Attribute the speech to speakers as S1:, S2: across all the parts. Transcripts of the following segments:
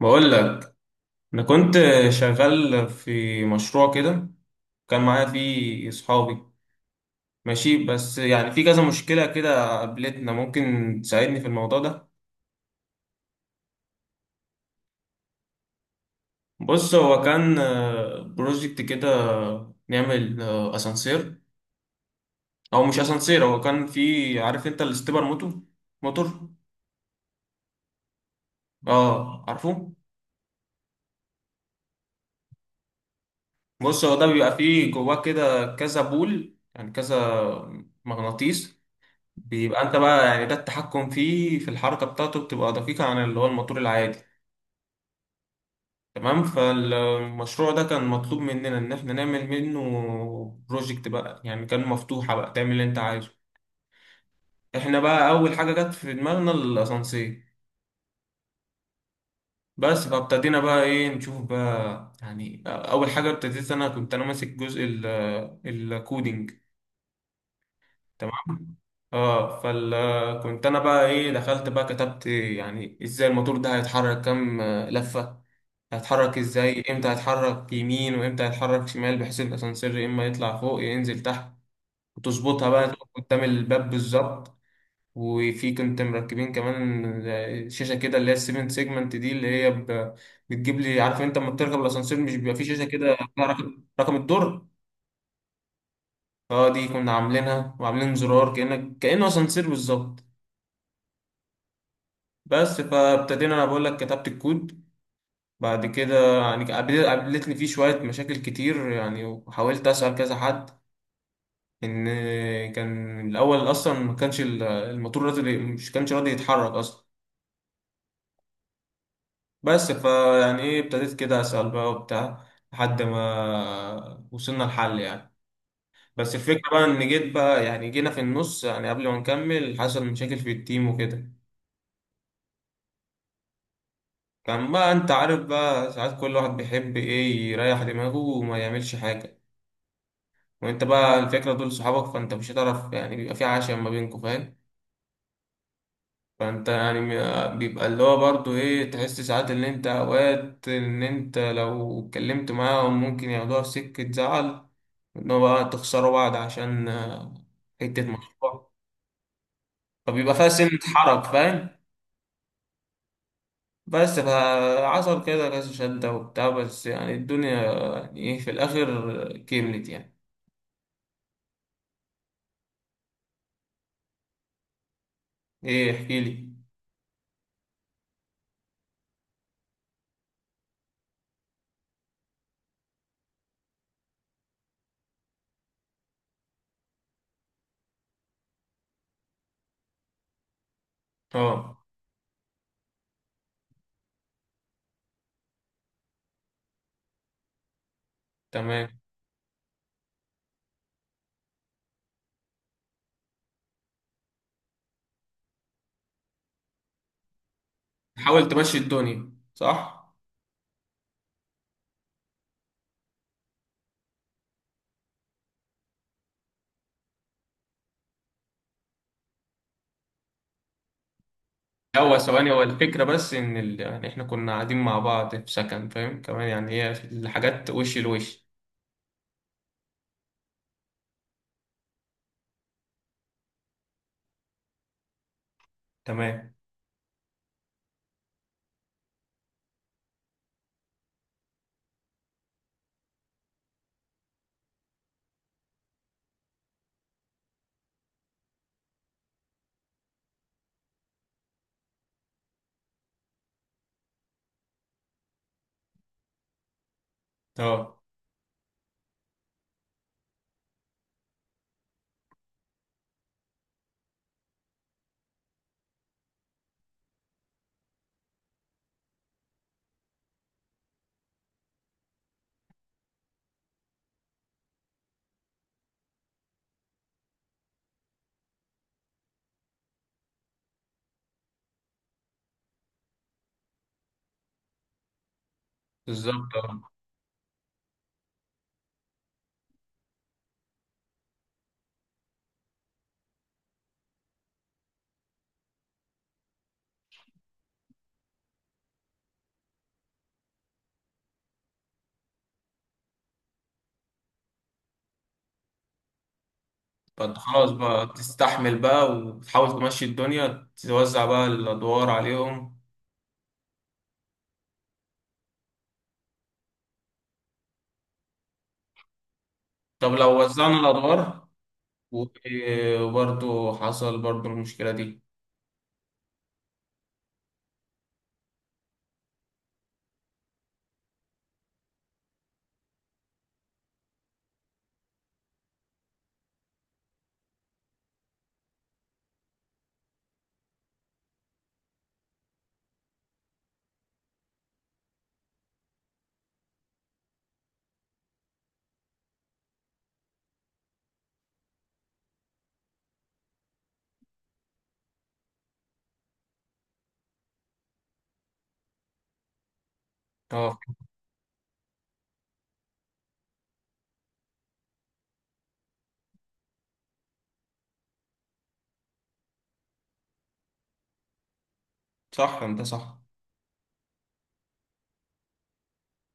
S1: بقول لك، انا كنت شغال في مشروع كده، كان معايا فيه اصحابي ماشي. بس يعني في كذا مشكله كده قابلتنا، ممكن تساعدني في الموضوع ده؟ بص، هو كان بروجكت كده نعمل اسانسير. او مش اسانسير، هو كان في، عارف انت، الاستبر موتور. اه، عارفه. بص، هو ده بيبقى فيه جواه كده كذا بول، يعني كذا مغناطيس. بيبقى انت بقى يعني ده التحكم فيه في الحركة بتاعته بتبقى دقيقة عن اللي هو الموتور العادي. تمام، فالمشروع ده كان مطلوب مننا ان احنا نعمل منه بروجكت بقى، يعني كان مفتوحة بقى تعمل اللي انت عايزه. احنا بقى اول حاجة جت في دماغنا الاسانسير. بس فابتدينا بقى ايه نشوف بقى، يعني اول حاجة ابتديت، انا كنت ماسك جزء الكودينج. تمام. اه، كنت انا بقى ايه دخلت بقى كتبت، يعني ازاي الموتور ده هيتحرك كام لفة، هيتحرك ازاي، امتى هيتحرك يمين وامتى هيتحرك شمال، بحيث الاسانسير يا اما يطلع فوق يا ينزل تحت، وتظبطها بقى تقف قدام الباب بالظبط. وفي كنت مركبين كمان شاشة كده اللي هي السيفن سيجمنت دي اللي هي بتجيب لي، عارف انت لما بتركب الاسانسير مش بيبقى في شاشة كده فيها رقم الدور. اه، دي كنا عاملينها، وعاملين زرار كأنه اسانسير بالظبط. بس فابتدينا، انا بقول لك كتبت الكود. بعد كده يعني قابلتني فيه شوية مشاكل كتير، يعني وحاولت أسأل كذا حد ان كان الاول اصلا ما كانش الموتور راضي، مش كانش راضي يتحرك اصلا. بس فيعني ايه ابتديت كده اسال بقى وبتاع، لحد ما وصلنا لحل يعني. بس الفكره بقى ان جيت بقى يعني جينا في النص، يعني قبل ما نكمل حصل مشاكل في التيم وكده. كان بقى انت عارف بقى ساعات كل واحد بيحب ايه يريح دماغه وما يعملش حاجه، وانت بقى الفكره دول صحابك، فانت مش هتعرف، يعني بيبقى في عشاء ما بينكم، فاهم. فانت يعني بيبقى اللي هو برضو ايه تحس ساعات، اللي انت اوقات ان انت لو اتكلمت معاهم ممكن ياخدوها في سكة زعل، ان هو بقى تخسروا بعض عشان حتة مشروع، فبيبقى فيها سنة حرج، فاهم. بس فحصل كده كذا شدة وبتاع، بس يعني الدنيا يعني ايه في الاخر كملت يعني. ايه احكيلي. اه تمام، حاول تمشي الدنيا صح. لا، هو ثواني، هو الفكرة بس إن يعني إحنا كنا قاعدين مع بعض في سكن، فاهم، كمان يعني هي الحاجات وش لوش. تمام، أه بالظبط، أه. فأنت خلاص بقى تستحمل بقى وتحاول تمشي الدنيا، توزع بقى الأدوار عليهم. طب لو وزعنا الأدوار و- وبرضه حصل برضه المشكلة دي. أه صح، أنت صح.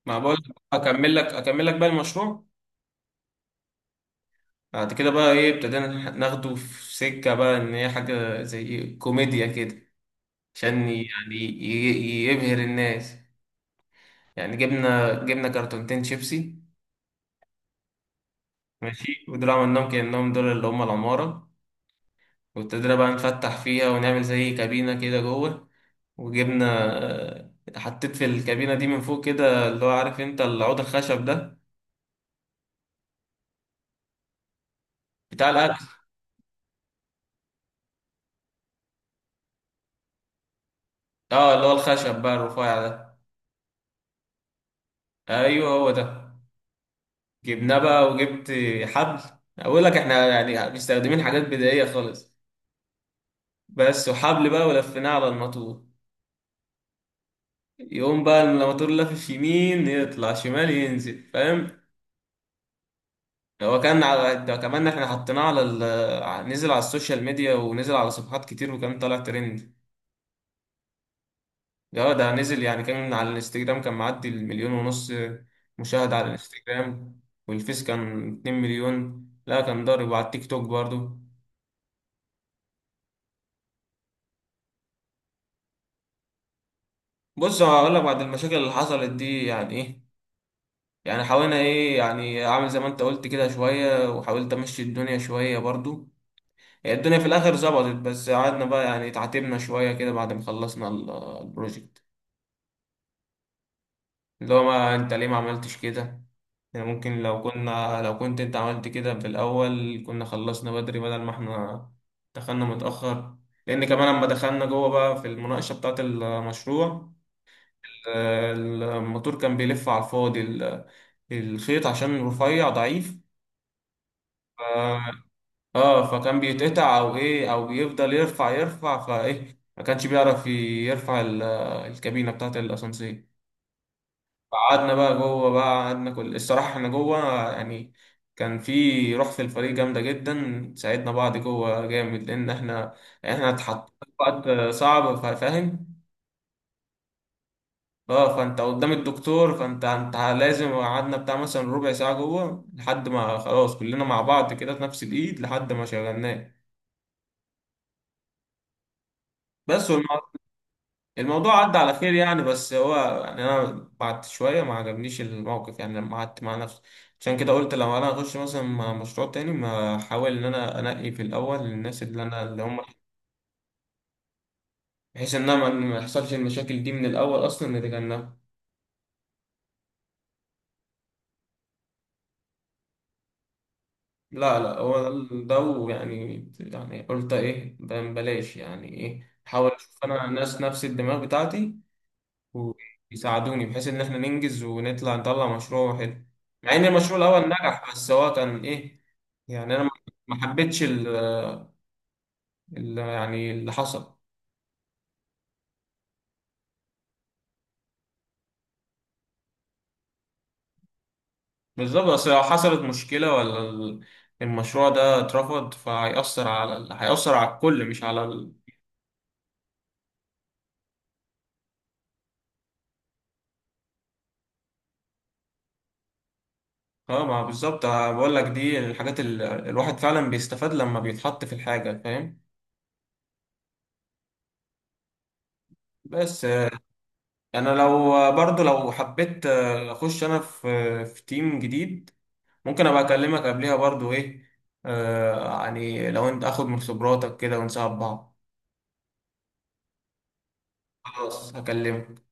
S1: ما بقول، أكمل لك بقى المشروع. بعد كده بقى إيه ابتدينا ناخده في سكة بقى إن هي حاجة زي كوميديا كده، عشان يعني يبهر الناس. يعني جبنا كرتونتين شيبسي، ماشي، ودول عملناهم كأنهم دول اللي هم العمارة، وابتدينا بقى نفتح فيها ونعمل زي كابينة كده جوه، وجبنا، آه، حطيت في الكابينة دي من فوق كده اللي هو عارف انت العود الخشب ده بتاع الأكل. اه، اللي هو الخشب بقى الرفيع ده. ايوه، هو ده. جبناه بقى وجبت حبل، اقول لك احنا يعني مستخدمين حاجات بدائية خالص بس. وحبل بقى ولفيناه على الماتور، يقوم بقى الموتور لافف يمين يطلع شمال ينزل، فاهم. هو كان على ده، كمان احنا حطيناه على نزل على السوشيال ميديا ونزل على صفحات كتير وكان طالع ترند. ده نزل، يعني كان على الانستجرام، كان معدي المليون ونص مشاهدة على الانستجرام، والفيس كان 2 مليون، لا كان ضارب، وعلى التيك توك برضو. بص، هقول لك بعد المشاكل اللي حصلت دي يعني ايه، يعني حاولنا ايه، يعني اعمل زي ما انت قلت كده شوية، وحاولت امشي الدنيا شوية برضو، هي الدنيا في الاخر ظبطت. بس قعدنا بقى يعني اتعاتبنا شويه كده بعد ما خلصنا البروجكت، اللي هو ما انت ليه ما عملتش كده، يعني ممكن لو كنت انت عملت كده في الاول كنا خلصنا بدري بدل ما احنا دخلنا متاخر. لان كمان لما دخلنا جوه بقى في المناقشه بتاعه المشروع، الموتور كان بيلف على الفاضي، الخيط عشان رفيع ضعيف. اه، فكان بيتقطع او ايه او بيفضل يرفع يرفع، فايه ما كانش بيعرف يرفع الكابينه بتاعت الاسانسير. قعدنا بقى جوه بقى قعدنا كل الصراحه احنا جوه يعني، كان في روح في الفريق جامده جدا، ساعدنا بعض جوه جامد، لان احنا اتحطينا في وقت صعب، فاهم. اه، فانت قدام الدكتور، فانت لازم قعدنا بتاع مثلا ربع ساعه جوه لحد ما خلاص كلنا مع بعض كده في نفس الايد لحد ما شغلناه بس. الموضوع عدى على خير يعني، بس هو يعني انا بعد شويه ما عجبنيش الموقف، يعني لما قعدت مع نفسي، عشان كده قلت لو انا هخش مثلا مع مشروع تاني ما احاول ان انا انقي في الاول الناس اللي انا اللي هم، بحيث ان انا ما يحصلش المشاكل دي من الاول اصلا نتجنبها. لا لا، هو ده ويعني قلت ايه بلاش، يعني ايه احاول اشوف انا الناس نفس الدماغ بتاعتي ويساعدوني، بحيث ان احنا ننجز ونطلع نطلع مشروع حلو. مع ان المشروع الاول نجح بس هو كان ايه، يعني انا ما حبيتش يعني اللي حصل. بالظبط، بس لو حصلت مشكلة ولا المشروع ده اترفض، فهيأثر على هيأثر على الكل مش على اه. ما بالظبط، أنا بقول لك دي الحاجات اللي الواحد فعلا بيستفاد لما بيتحط في الحاجة، فاهم. بس، انا لو برضو لو حبيت اخش انا في تيم جديد، ممكن ابقى اكلمك قبلها برضو ايه، يعني لو انت اخد من خبراتك كده ونساعد بعض. خلاص، هكلمك.